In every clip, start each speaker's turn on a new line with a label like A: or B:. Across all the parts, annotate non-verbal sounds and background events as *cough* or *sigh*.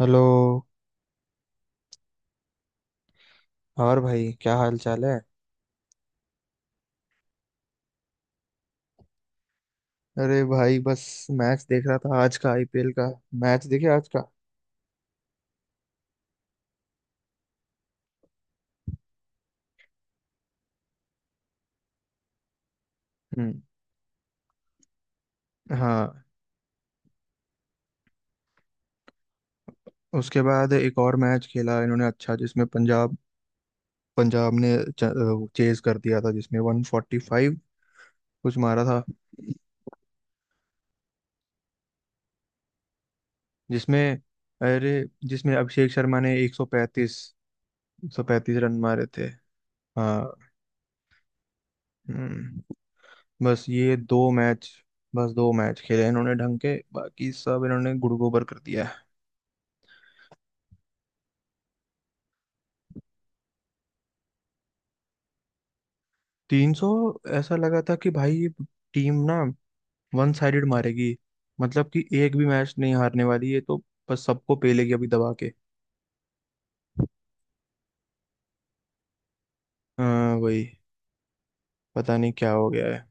A: Hello. और भाई क्या हाल चाल है? अरे भाई बस मैच देख रहा था आज का आईपीएल का मैच। देखे आज का? हम्म। हाँ। उसके बाद एक और मैच खेला इन्होंने, अच्छा, जिसमें पंजाब पंजाब ने चेज कर दिया था जिसमें 145 कुछ मारा था, जिसमें अरे जिसमें अभिषेक शर्मा ने 135 रन मारे थे। हाँ। हम्म। बस ये दो मैच बस दो मैच खेले इन्होंने ढंग के, बाकी सब इन्होंने गुड़ गोबर कर दिया। 300। ऐसा लगा था कि भाई ये टीम ना वन साइडेड मारेगी, मतलब कि एक भी मैच नहीं हारने वाली है, तो बस सबको पेलेगी अभी दबा के। हाँ वही। पता नहीं क्या हो गया है।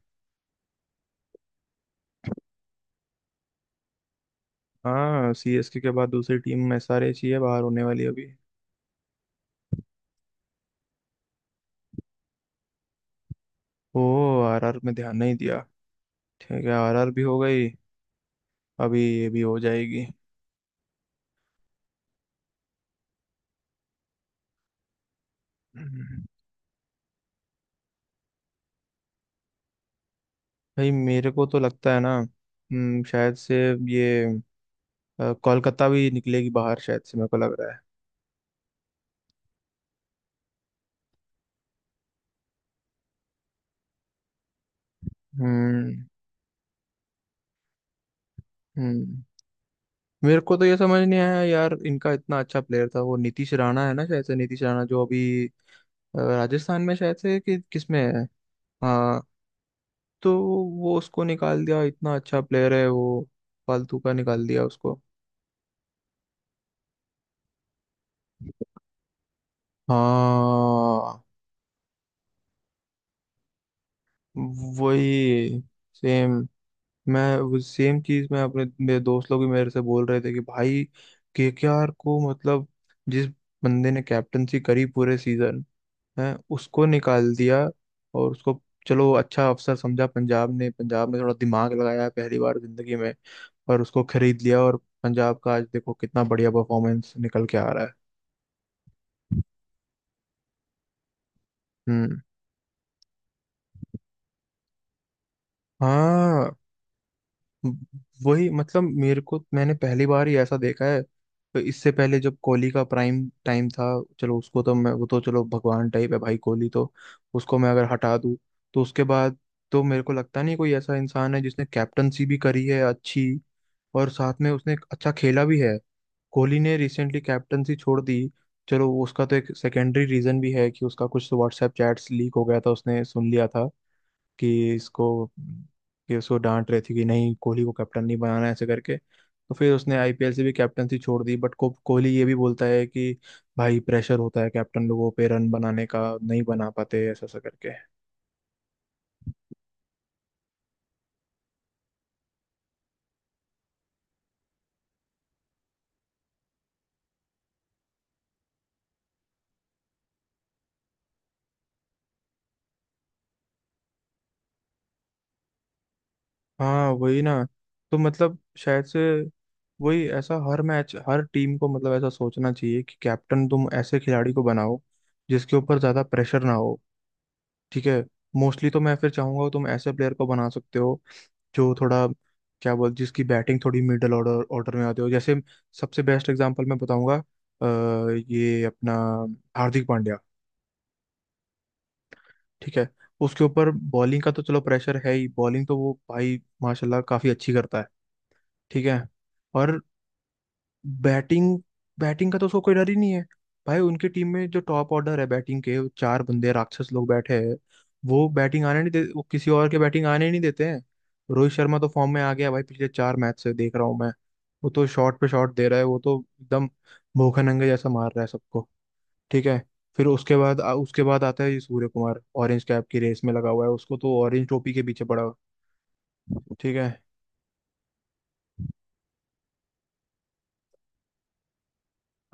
A: हाँ, सीएसके के बाद दूसरी टीम में एसआरएच ही है बाहर होने वाली अभी। ओ। आरआर में ध्यान नहीं दिया। ठीक है, आरआर भी हो गई। अभी ये भी हो जाएगी। भाई मेरे को तो लगता है ना, शायद से ये कोलकाता भी निकलेगी बाहर, शायद से मेरे को लग रहा है। हम्म। हम्म। मेरे को तो ये समझ नहीं आया यार, इनका इतना अच्छा प्लेयर था वो नीतीश राणा, है ना? शायद से नीतीश राणा जो अभी राजस्थान में, शायद से, कि किस में है। हाँ। तो वो उसको निकाल दिया, इतना अच्छा प्लेयर है वो। फालतू का निकाल दिया उसको। हाँ वही सेम। मैं वो सेम चीज मैं अपने मेरे दोस्त लोग भी मेरे से बोल रहे थे कि भाई, केकेआर को मतलब जिस बंदे ने कैप्टनसी करी पूरे सीजन हैं, उसको निकाल दिया। और उसको, चलो अच्छा अफसर समझा पंजाब ने, पंजाब में थोड़ा दिमाग लगाया पहली बार जिंदगी में, और उसको खरीद लिया। और पंजाब का आज देखो कितना बढ़िया परफॉर्मेंस निकल के आ रहा है। हम्म। हाँ। व- वही मतलब, मेरे को, मैंने पहली बार ही ऐसा देखा है। तो इससे पहले जब कोहली का प्राइम टाइम था, चलो उसको तो मैं, वो तो चलो भगवान टाइप है भाई कोहली तो, उसको मैं अगर हटा दूँ, तो उसके बाद, तो मेरे को लगता नहीं कोई ऐसा इंसान है जिसने कैप्टनसी भी करी है अच्छी, और साथ में उसने एक अच्छा खेला भी है। कोहली ने रिसेंटली कैप्टनसी छोड़ दी। चलो, वो उसका तो एक सेकेंडरी रीजन भी है कि उसका कुछ व्हाट्सएप चैट्स लीक हो गया था, उसने सुन लिया था कि इसको कि उसको डांट रहे थे कि नहीं कोहली को कैप्टन नहीं बनाना है, ऐसे करके। तो फिर उसने आईपीएल से भी कैप्टनसी छोड़ दी। बट को कोहली ये भी बोलता है कि भाई प्रेशर होता है कैप्टन लोगों पे, रन बनाने का नहीं बना पाते, ऐसा ऐसा करके। हाँ वही ना। तो मतलब शायद से वही, ऐसा हर मैच हर टीम को मतलब ऐसा सोचना चाहिए कि कैप्टन तुम ऐसे खिलाड़ी को बनाओ जिसके ऊपर ज्यादा प्रेशर ना हो। ठीक है। मोस्टली तो मैं फिर चाहूंगा तुम ऐसे प्लेयर को बना सकते हो जो थोड़ा, क्या बोल, जिसकी बैटिंग थोड़ी मिडल ऑर्डर ऑर्डर में आती हो। जैसे सबसे बेस्ट एग्जांपल मैं बताऊंगा, ये अपना हार्दिक पांड्या। ठीक है। उसके ऊपर बॉलिंग का तो चलो प्रेशर है ही, बॉलिंग तो वो भाई माशाल्लाह काफी अच्छी करता है। ठीक है। और बैटिंग बैटिंग का तो उसको कोई डर ही नहीं है। भाई उनकी टीम में जो टॉप ऑर्डर है बैटिंग के, वो चार बंदे राक्षस लोग बैठे हैं। वो बैटिंग आने नहीं दे, वो किसी और के बैटिंग आने ही नहीं देते हैं। रोहित शर्मा तो फॉर्म में आ गया भाई, पिछले चार मैच से देख रहा हूँ मैं। वो तो शॉट पे शॉट दे रहा है, वो तो एकदम भूखे नंगे जैसा मार रहा है सबको। ठीक है। फिर उसके बाद उसके बाद आता है ये सूर्य कुमार, ऑरेंज कैप की रेस में लगा हुआ है, उसको तो ऑरेंज टोपी के पीछे पड़ा हुआ है। ठीक है।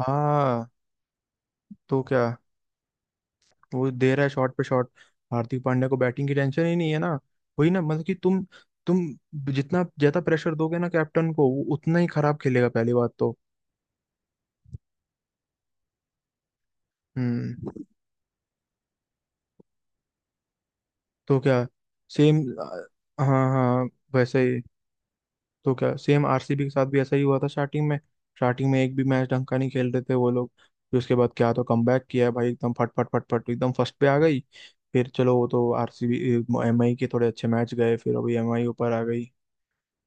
A: हाँ तो क्या, वो दे रहा है शॉट पे शॉट। हार्दिक पांड्या को बैटिंग की टेंशन ही नहीं है ना। वही ना, मतलब कि तुम जितना ज्यादा प्रेशर दोगे ना कैप्टन को, वो उतना ही खराब खेलेगा पहली बात तो। हम्म। तो क्या सेम। हाँ हाँ। वैसे ही। तो क्या सेम आरसीबी के साथ भी ऐसा ही हुआ था स्टार्टिंग में, स्टार्टिंग में एक भी मैच ढंग का नहीं खेल रहे थे वो लोग, फिर उसके बाद क्या तो कमबैक किया है भाई एकदम, फट फट फट फट एकदम फर्स्ट पे आ गई। फिर चलो वो तो आरसीबी, एमआई के थोड़े अच्छे मैच गए, फिर अभी एमआई ऊपर आ गई।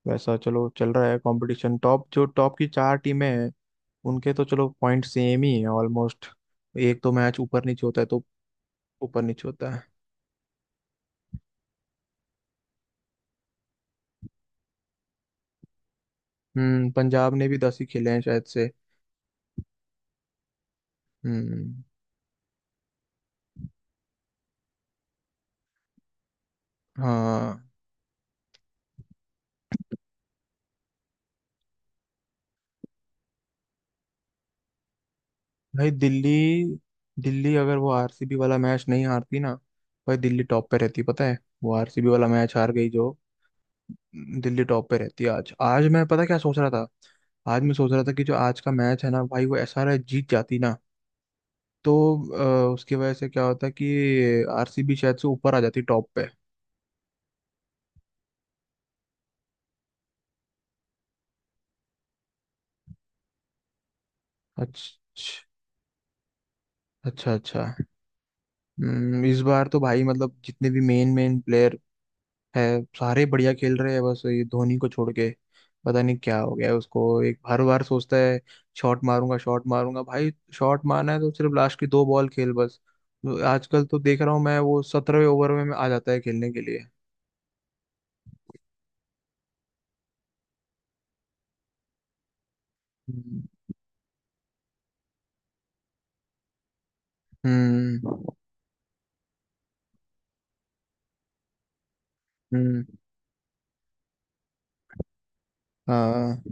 A: वैसा चलो चल रहा है कंपटीशन, टॉप, जो टॉप की चार टीमें हैं उनके तो चलो पॉइंट सेम ही है ऑलमोस्ट, एक तो मैच ऊपर नीचे होता है तो, ऊपर नीचे होता है। हम्म, पंजाब ने भी 10 ही खेले हैं शायद से। हम्म। हाँ, भाई दिल्ली, दिल्ली अगर वो आरसीबी वाला मैच नहीं हारती ना, भाई दिल्ली टॉप पे रहती, पता है? वो आरसीबी वाला मैच हार गई जो, दिल्ली टॉप पे रहती। आज, आज मैं पता क्या सोच रहा था, आज मैं सोच रहा था कि जो आज का मैच है ना भाई, वो ऐसा रहा, जीत जाती ना, तो उसकी वजह से क्या होता है कि आरसीबी शायद से ऊपर आ जाती टॉप पे। अच्छा। अच्छा। अच्छा। इस बार तो भाई मतलब जितने भी मेन मेन प्लेयर है सारे बढ़िया खेल रहे हैं, बस ये धोनी को छोड़ के। पता नहीं क्या हो गया है उसको, एक हर बार सोचता है शॉट मारूंगा शॉट मारूंगा, भाई शॉट मारना है तो सिर्फ लास्ट की दो बॉल खेल बस। तो आजकल तो देख रहा हूँ मैं वो 17वें ओवर में आ जाता है खेलने के लिए। हम्म। हम्म। हम्म। हाँ।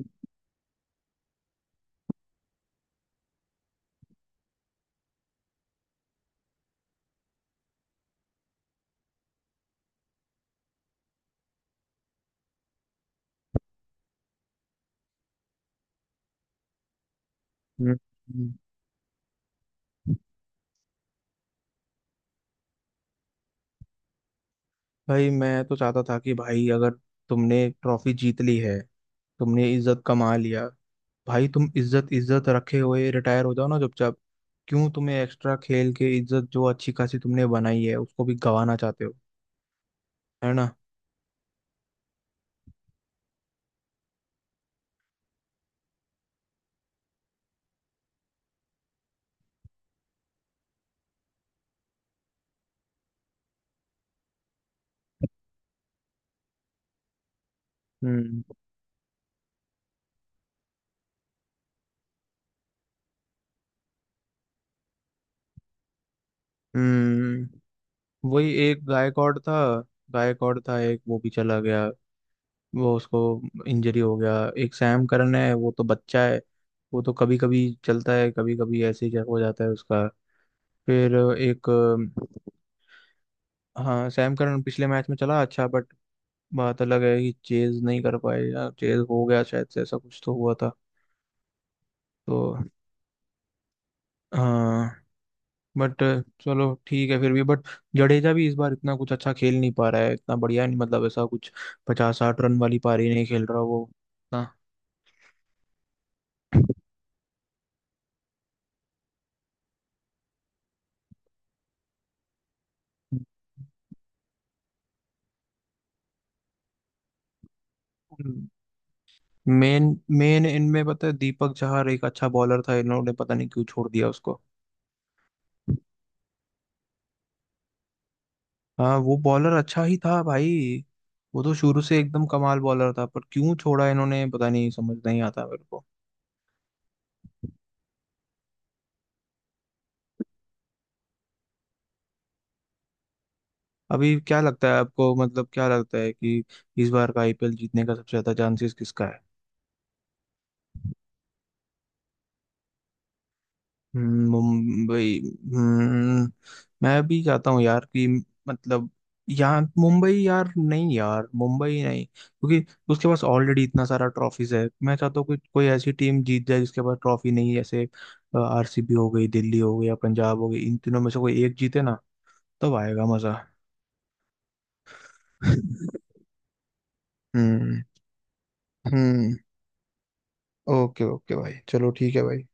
A: हम्म। हम्म। भाई मैं तो चाहता था कि भाई, अगर तुमने ट्रॉफी जीत ली है, तुमने इज्जत कमा लिया, भाई तुम इज्जत इज्जत रखे हुए रिटायर हो जाओ ना चुपचाप। क्यों तुम्हें एक्स्ट्रा खेल के इज्जत जो अच्छी खासी तुमने बनाई है उसको भी गंवाना चाहते हो? है ना? हम्म। हम्म। वही एक गायकॉड था, गायकॉड था एक, वो भी चला गया। वो उसको इंजरी हो गया। एक सैम करन है, वो तो बच्चा है, वो तो कभी कभी चलता है, कभी कभी ऐसे ही हो जाता है उसका। फिर एक हाँ, सैम करन पिछले मैच में चला अच्छा, बट बात अलग है कि चेज नहीं कर पाए या चेज हो गया, शायद से ऐसा कुछ तो हुआ था। तो हाँ, बट चलो ठीक है फिर भी, बट जडेजा भी इस बार इतना कुछ अच्छा खेल नहीं पा रहा है, इतना बढ़िया नहीं, मतलब ऐसा कुछ पचास साठ रन वाली पारी नहीं खेल रहा वो ना। मेन मेन इनमें पता है दीपक चहर एक अच्छा बॉलर था, इन्होंने पता नहीं क्यों छोड़ दिया उसको। हाँ, वो बॉलर अच्छा ही था भाई। वो तो शुरू से एकदम कमाल बॉलर था, पर क्यों छोड़ा इन्होंने पता नहीं, समझ नहीं आता मेरे को। अभी क्या लगता है आपको, मतलब क्या लगता है कि इस बार का आईपीएल जीतने का सबसे ज्यादा चांसेस किसका है? मुंबई? हम्म, मैं भी चाहता हूँ यार कि, मतलब, यहाँ मुंबई, यार नहीं यार मुंबई नहीं, क्योंकि उसके पास ऑलरेडी इतना सारा ट्रॉफीज है। मैं चाहता हूँ कोई, कोई ऐसी टीम जीत जाए जिसके पास ट्रॉफी नहीं है, जैसे आरसीबी हो गई, दिल्ली हो गई, या पंजाब हो गई, इन तीनों में से कोई एक जीते ना, तब आएगा मजा। *laughs* हम्म। हम्म। ओके ओके भाई, चलो ठीक है भाई।